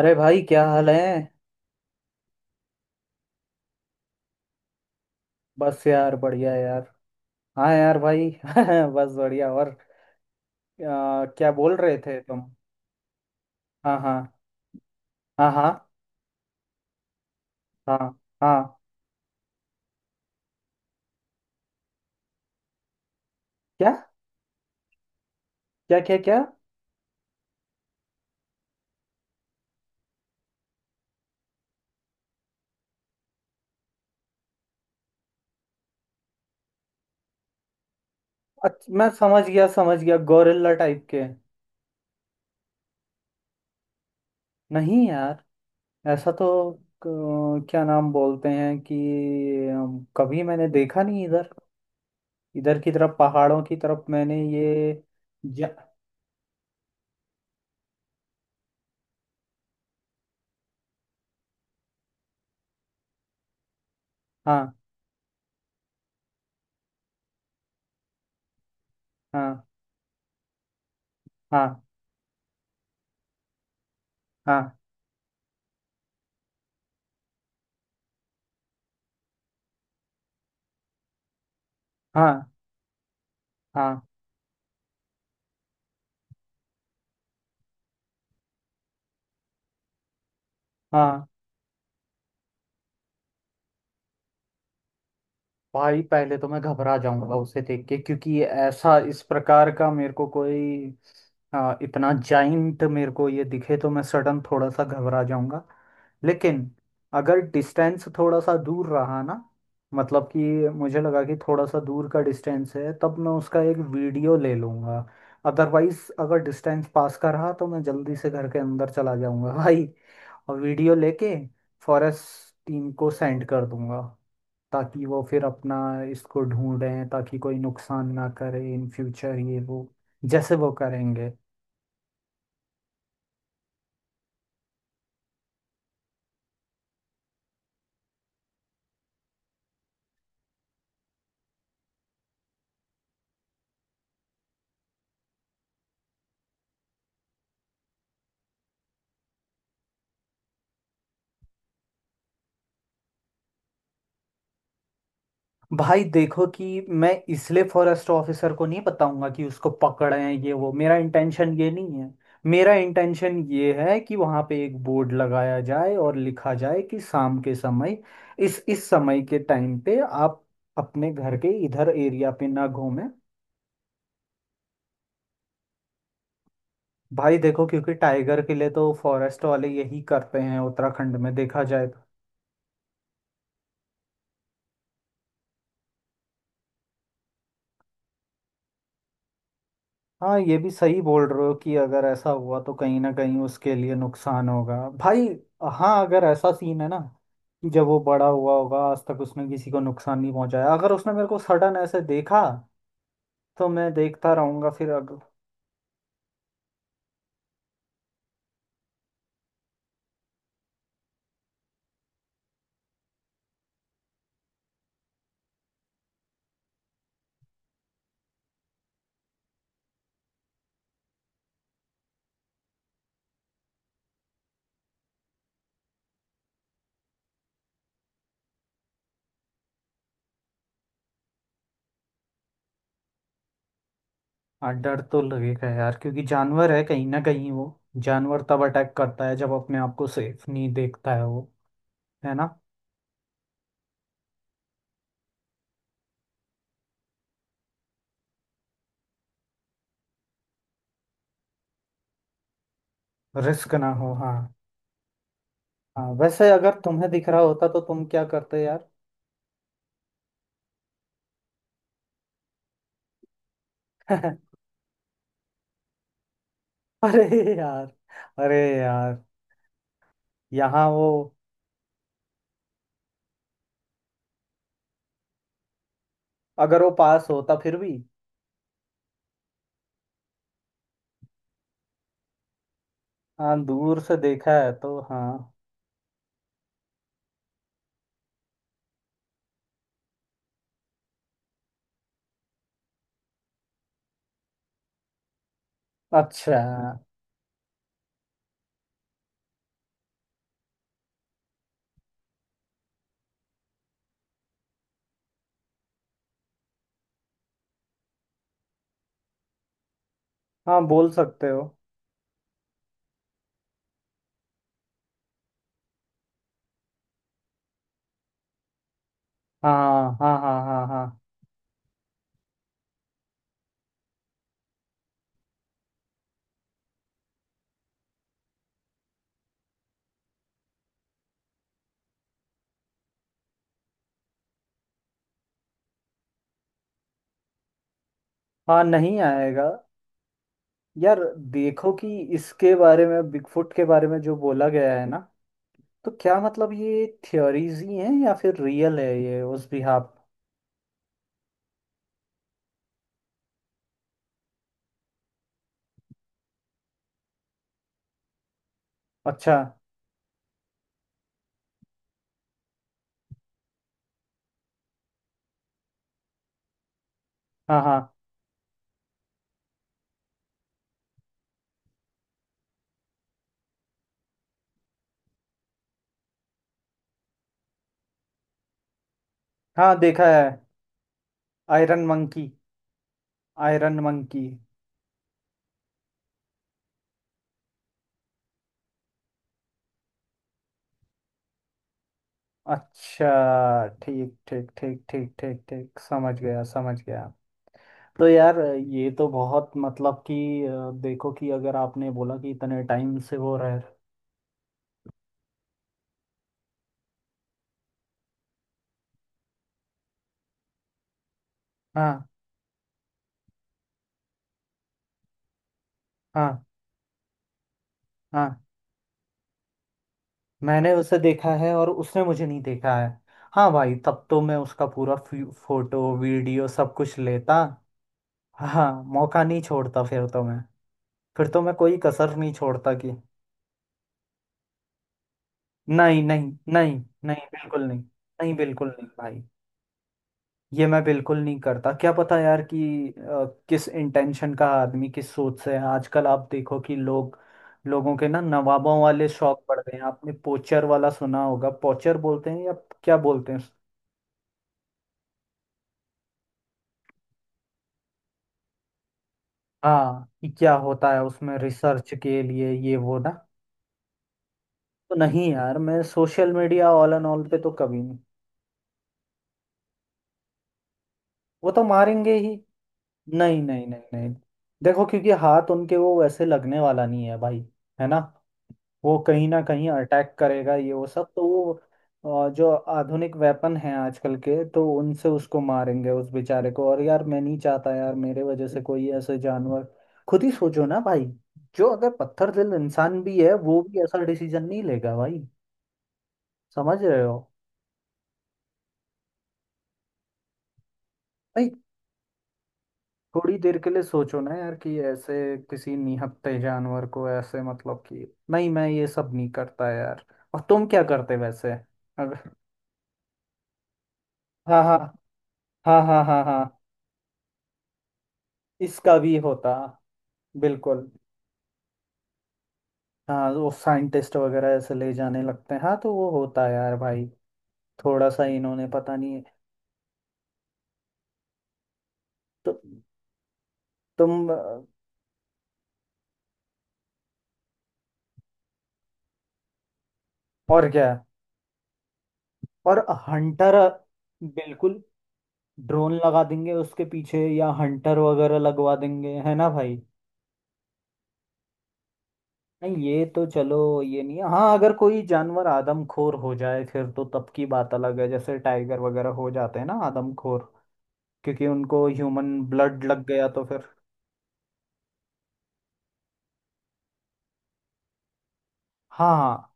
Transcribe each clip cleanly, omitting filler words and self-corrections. अरे भाई क्या हाल है। बस यार बढ़िया यार। हाँ यार भाई बस बढ़िया और क्या बोल रहे थे तुम। हाँ हाँ। हाँ हाँ। हाँ हाँ। क्या क्या क्या क्या। अच्छा, मैं समझ गया समझ गया। गोरिल्ला टाइप के। नहीं यार ऐसा तो। क्या नाम बोलते हैं कि कभी मैंने देखा नहीं इधर। इधर की तरफ पहाड़ों की तरफ मैंने ये जा, हाँ हाँ। हाँ हाँ। हाँ। हाँ हाँ। भाई पहले तो मैं घबरा जाऊंगा उसे देख के, क्योंकि ऐसा इस प्रकार का मेरे को कोई इतना जाइंट मेरे को ये दिखे तो मैं सडन थोड़ा सा घबरा जाऊंगा। लेकिन अगर डिस्टेंस थोड़ा सा दूर रहा ना, मतलब कि मुझे लगा कि थोड़ा सा दूर का डिस्टेंस है, तब मैं उसका एक वीडियो ले लूंगा। अदरवाइज अगर डिस्टेंस पास का रहा तो मैं जल्दी से घर के अंदर चला जाऊंगा भाई। और वीडियो लेके फॉरेस्ट टीम को सेंड कर दूंगा, ताकि वो फिर अपना इसको ढूंढें, ताकि कोई नुकसान ना करे इन फ्यूचर ये वो। जैसे वो करेंगे। भाई देखो कि मैं इसलिए फॉरेस्ट ऑफिसर को नहीं बताऊंगा कि उसको पकड़ें, ये वो मेरा इंटेंशन ये नहीं है। मेरा इंटेंशन ये है कि वहां पे एक बोर्ड लगाया जाए और लिखा जाए कि शाम के समय, इस समय के टाइम पे आप अपने घर के इधर एरिया पे ना घूमें। भाई देखो, क्योंकि टाइगर के लिए तो फॉरेस्ट वाले यही करते हैं उत्तराखंड में, देखा जाए। हाँ ये भी सही बोल रहे हो कि अगर ऐसा हुआ तो कहीं ना कहीं उसके लिए नुकसान होगा। भाई, हाँ अगर ऐसा सीन है ना कि जब वो बड़ा हुआ होगा आज तक उसने किसी को नुकसान नहीं पहुंचाया, अगर उसने मेरे को सडन ऐसे देखा तो मैं देखता रहूंगा फिर अगर। हाँ डर तो लगेगा यार, क्योंकि जानवर है कहीं ना कहीं वो। जानवर तब अटैक करता है जब अपने आप को सेफ नहीं देखता है वो, है ना। रिस्क ना हो, हाँ। हाँ वैसे अगर तुम्हें दिख रहा होता तो तुम क्या करते यार। अरे यार, अरे यार। यहाँ वो। अगर वो पास होता फिर भी। हाँ दूर से देखा है तो हाँ। अच्छा। हाँ बोल सकते हो। हाँ हाँ हाँ हाँ हाँ। हाँ नहीं आएगा। यार देखो कि इसके बारे में, बिगफुट के बारे में जो बोला गया है ना, तो क्या मतलब ये थियोरीज ही हैं या फिर रियल है ये उस बिहाफ। अच्छा। हाँ हाँ। हाँ देखा है। Iron monkey. Iron monkey. अच्छा ठीक ठीक ठीक ठीक ठीक ठीक, समझ गया समझ गया। तो यार ये तो बहुत मतलब कि देखो कि अगर आपने बोला कि इतने टाइम से वो रह। हाँ। हाँ। हाँ मैंने उसे देखा है और उसने मुझे नहीं देखा है। हाँ भाई, तब तो मैं उसका पूरा फोटो वीडियो सब कुछ लेता। हाँ मौका नहीं छोड़ता फिर तो मैं। फिर तो मैं कोई कसर नहीं छोड़ता कि। नहीं नहीं नहीं नहीं, बिल्कुल नहीं। नहीं बिल्कुल नहीं भाई। ये मैं बिल्कुल नहीं करता। क्या पता यार कि किस इंटेंशन का आदमी किस सोच से है। आजकल आप देखो कि लोग, लोगों के ना नवाबों वाले शौक बढ़ गए हैं। आपने पोचर वाला सुना होगा, पोचर बोलते हैं या क्या बोलते हैं हाँ। कि क्या होता है उसमें रिसर्च के लिए ये वो ना। तो नहीं यार, मैं social media all and all पे तो कभी नहीं। वो तो मारेंगे ही। नहीं नहीं नहीं नहीं। देखो क्योंकि हाथ उनके वो वैसे लगने वाला नहीं है भाई, है ना। वो कहीं ना कहीं अटैक करेगा ये वो सब, तो वो जो आधुनिक वेपन हैं आजकल के, तो उनसे उसको मारेंगे उस बेचारे को। और यार मैं नहीं चाहता यार मेरे वजह से कोई ऐसे जानवर। खुद ही सोचो ना भाई, जो अगर पत्थर दिल इंसान भी है वो भी ऐसा डिसीजन नहीं लेगा भाई। समझ रहे हो। भाई थोड़ी देर के लिए सोचो ना यार कि ऐसे किसी निहत्थे जानवर को ऐसे मतलब कि। नहीं मैं ये सब नहीं करता यार। और तुम क्या करते वैसे अगर। हाँ हाँ। हाँ हाँ। हाँ हाँ इसका भी होता। बिल्कुल। हाँ वो साइंटिस्ट वगैरह ऐसे ले जाने लगते हैं। हाँ तो वो होता है यार भाई। थोड़ा सा इन्होंने पता नहीं है। तो तुम और क्या है? और। हंटर। बिल्कुल। ड्रोन लगा देंगे उसके पीछे या हंटर वगैरह लगवा देंगे, है ना भाई। नहीं ये तो चलो, ये नहीं है। हाँ अगर कोई जानवर आदमखोर हो जाए फिर तो तब की बात अलग है, जैसे टाइगर वगैरह हो जाते हैं ना आदमखोर, क्योंकि उनको ह्यूमन ब्लड लग गया तो फिर। हाँ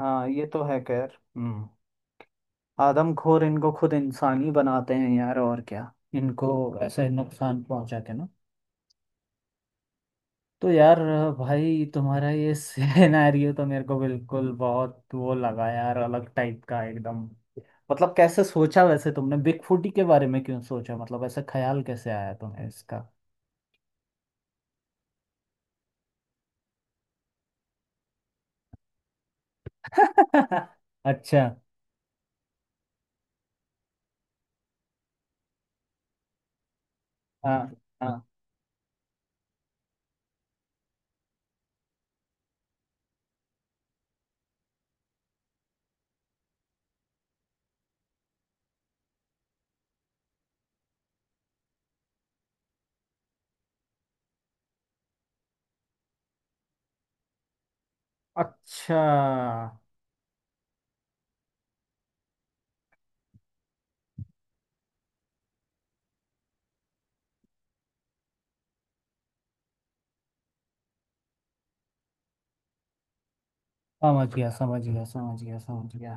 हाँ ये तो है खैर, हम्म। आदमखोर इनको खुद इंसान ही बनाते हैं यार और क्या, इनको ऐसे नुकसान पहुंचा के ना। तो यार भाई तुम्हारा ये सिनेरियो तो मेरे को बिल्कुल बहुत वो लगा यार, अलग टाइप का एकदम। मतलब कैसे सोचा वैसे तुमने बिगफुटी के बारे में क्यों सोचा, मतलब ऐसा ख्याल कैसे आया तुम्हें इसका। अच्छा। हाँ हाँ। अच्छा, समझ गया समझ गया समझ गया समझ गया।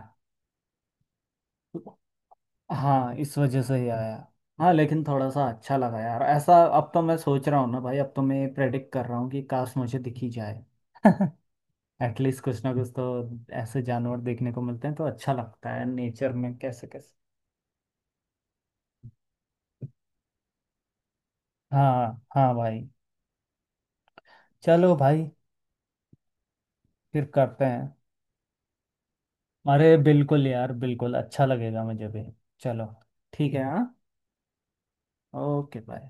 हाँ इस वजह से ही आया। हाँ लेकिन थोड़ा सा अच्छा लगा यार ऐसा। अब तो मैं सोच रहा हूँ ना भाई, अब तो मैं प्रेडिक्ट कर रहा हूँ कि काश मुझे दिखी जाए। एटलीस्ट कुछ ना कुछ तो। ऐसे जानवर देखने को मिलते हैं तो अच्छा लगता है नेचर में कैसे कैसे। हाँ हाँ भाई। चलो भाई। फिर करते हैं। अरे बिल्कुल यार बिल्कुल, अच्छा लगेगा मुझे भी। चलो ठीक है हाँ। Okay bye.